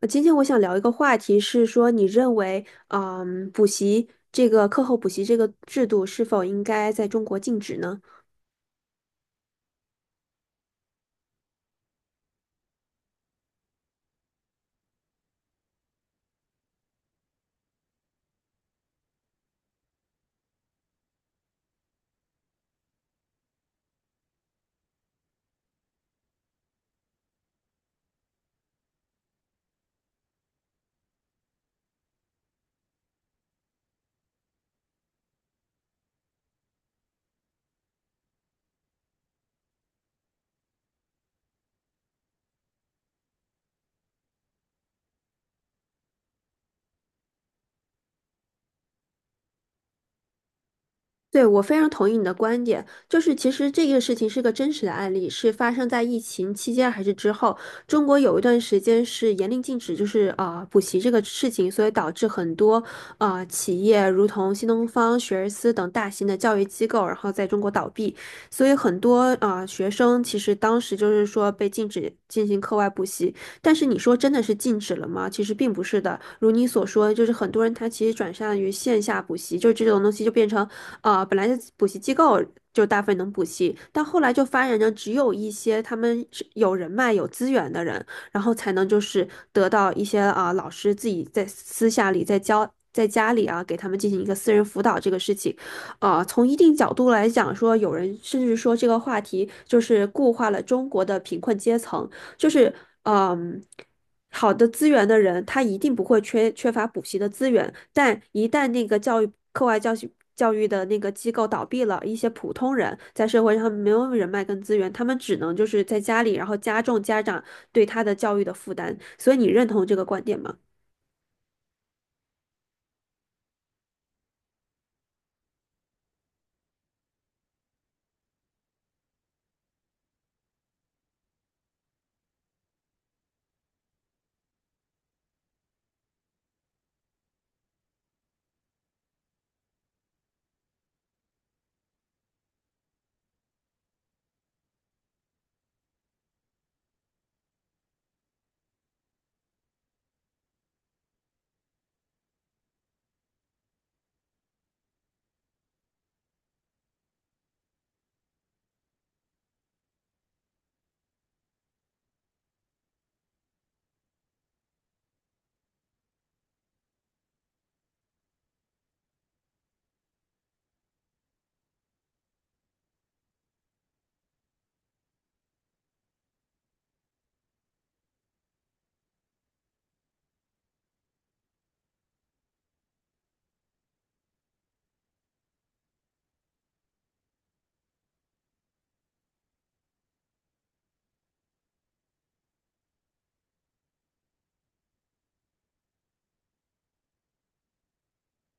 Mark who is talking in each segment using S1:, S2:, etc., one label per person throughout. S1: 今天我想聊一个话题，是说你认为，补习这个课后补习这个制度是否应该在中国禁止呢？对，我非常同意你的观点，就是其实这个事情是个真实的案例，是发生在疫情期间还是之后？中国有一段时间是严令禁止，就是补习这个事情，所以导致很多企业，如同新东方、学而思等大型的教育机构，然后在中国倒闭，所以很多学生其实当时就是说被禁止进行课外补习，但是你说真的是禁止了吗？其实并不是的，如你所说，就是很多人他其实转向于线下补习，就这种东西就变成。本来是补习机构就大部分能补习，但后来就发展成只有一些他们是有人脉、有资源的人，然后才能就是得到一些老师自己在私下里在教。在家里啊，给他们进行一个私人辅导这个事情，从一定角度来讲说，有人甚至说这个话题就是固化了中国的贫困阶层，就是嗯，好的资源的人，他一定不会缺乏补习的资源，但一旦那个教育课外教学。教育的那个机构倒闭了，一些普通人在社会上没有人脉跟资源，他们只能就是在家里，然后加重家长对他的教育的负担。所以你认同这个观点吗？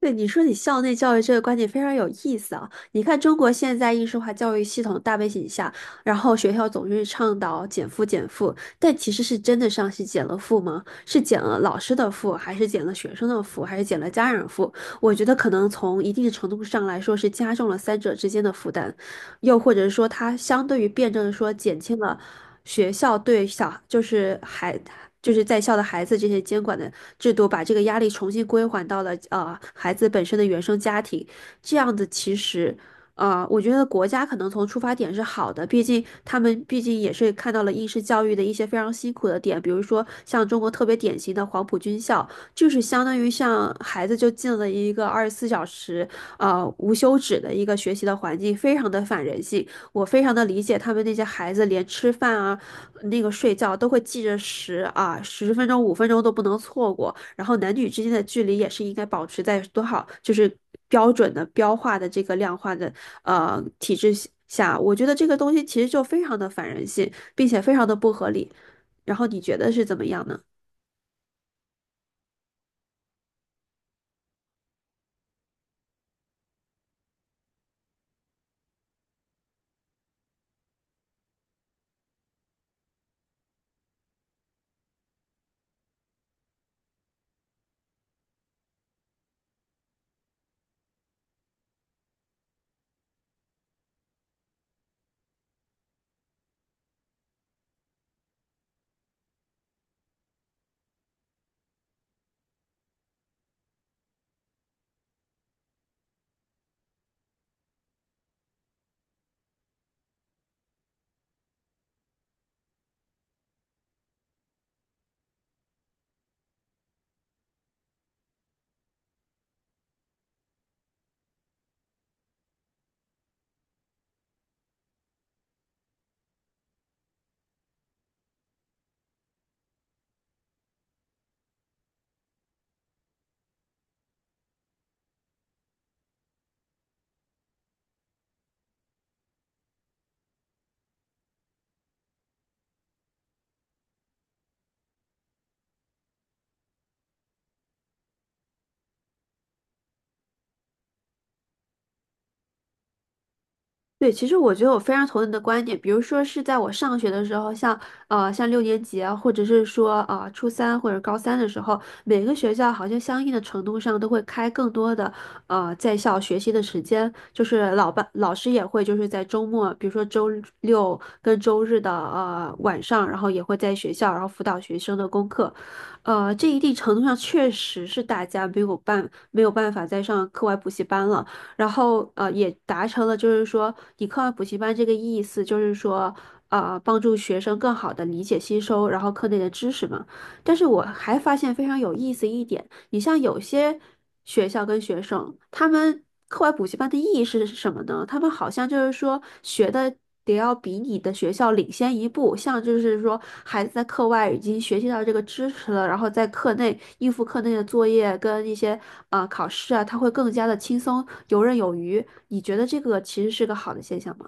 S1: 对，你说校内教育这个观点非常有意思啊！你看，中国现在应试化教育系统大背景下，然后学校总是倡导减负减负，但其实是真的上是减了负吗？是减了老师的负，还是减了学生的负，还是减了家长负？我觉得可能从一定程度上来说是加重了三者之间的负担。又或者说它相对于辩证的说减轻了学校对小就是孩就是在校的孩子这些监管的制度，把这个压力重新归还到了孩子本身的原生家庭，这样子其实。我觉得国家可能从出发点是好的，毕竟他们毕竟也是看到了应试教育的一些非常辛苦的点，比如说像中国特别典型的黄埔军校，就是相当于像孩子就进了一个二十四小时，无休止的一个学习的环境，非常的反人性。我非常的理解他们那些孩子，连吃饭啊、那个睡觉都会记着时啊，十分钟、五分钟都不能错过。然后男女之间的距离也是应该保持在多少，就是标准的标化的这个量化的体制下，我觉得这个东西其实就非常的反人性，并且非常的不合理。然后你觉得是怎么样呢？对，其实我觉得我非常同意你的观点。比如说是在我上学的时候，像像六年级啊，或者是说初三或者高三的时候，每个学校好像相应的程度上都会开更多的在校学习的时间，就是老班老师也会就是在周末，比如说周六跟周日的晚上，然后也会在学校然后辅导学生的功课。这一定程度上确实是大家没有办法再上课外补习班了。然后也达成了就是说你课外补习班这个意思，就是说帮助学生更好的理解吸收，然后课内的知识嘛。但是我还发现非常有意思一点。你像有些学校跟学生，他们课外补习班的意义是什么呢？他们好像就是说学的得要比你的学校领先一步，像就是说孩子在课外已经学习到这个知识了，然后在课内应付课内的作业跟一些考试啊，他会更加的轻松游刃有余。你觉得这个其实是个好的现象吗？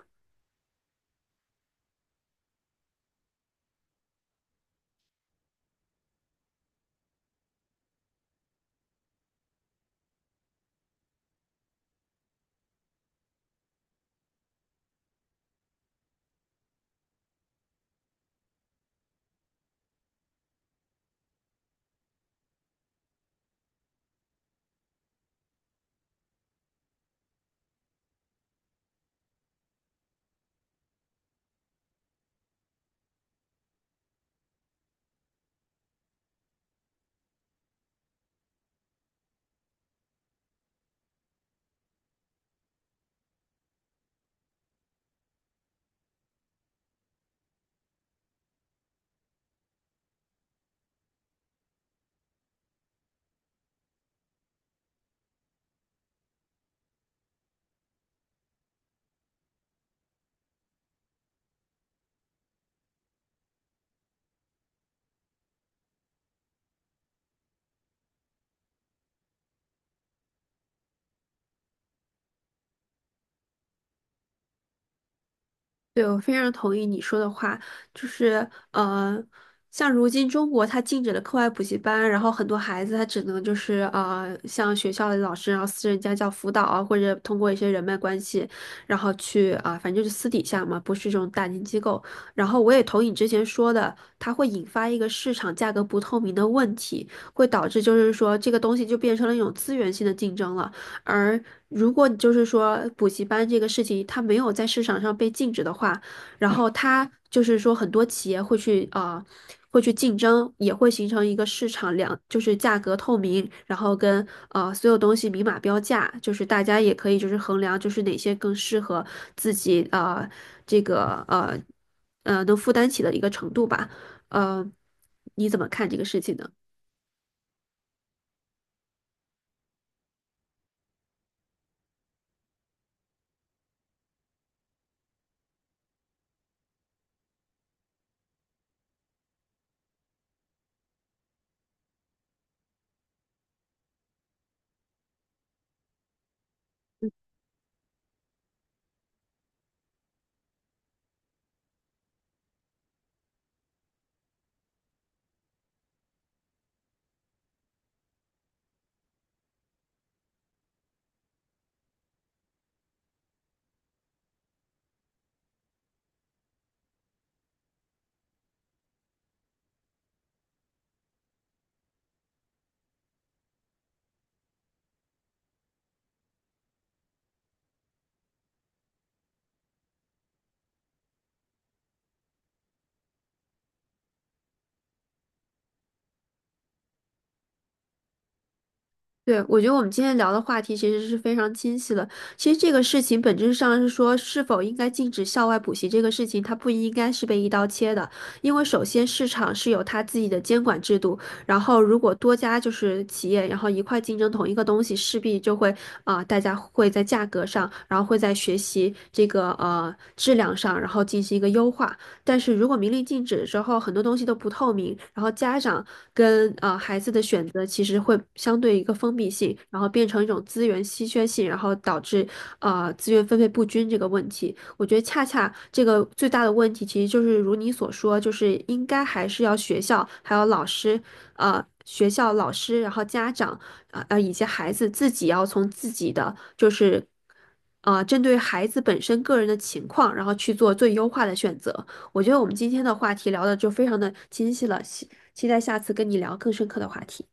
S1: 对，我非常同意你说的话，就是呃，像如今中国它禁止了课外补习班，然后很多孩子他只能像学校的老师，然后私人家教辅导啊，或者通过一些人脉关系，然后去反正就是私底下嘛，不是这种大型机构。然后我也同意你之前说的，它会引发一个市场价格不透明的问题，会导致就是说这个东西就变成了一种资源性的竞争了。而如果你就是说补习班这个事情它没有在市场上被禁止的话，然后它就是说很多企业会去啊，会去竞争，也会形成一个市场就是价格透明，然后跟所有东西明码标价，就是大家也可以就是衡量就是哪些更适合自己这个呃能负担起的一个程度吧，呃，你怎么看这个事情呢？对，我觉得我们今天聊的话题其实是非常清晰的。其实这个事情本质上是说，是否应该禁止校外补习这个事情，它不应该是被一刀切的，因为首先市场是有它自己的监管制度，然后如果多家就是企业，然后一块竞争同一个东西，势必就会大家会在价格上，然后会在学习这个质量上，然后进行一个优化。但是如果明令禁止之后，很多东西都不透明，然后家长跟孩子的选择其实会相对一个封闭性，然后变成一种资源稀缺性，然后导致资源分配不均这个问题。我觉得恰恰这个最大的问题，其实就是如你所说，就是应该还是要学校还有老师，呃。学校老师，然后家长，以及孩子自己要从自己的就是，针对孩子本身个人的情况，然后去做最优化的选择。我觉得我们今天的话题聊的就非常的清晰了，期待下次跟你聊更深刻的话题。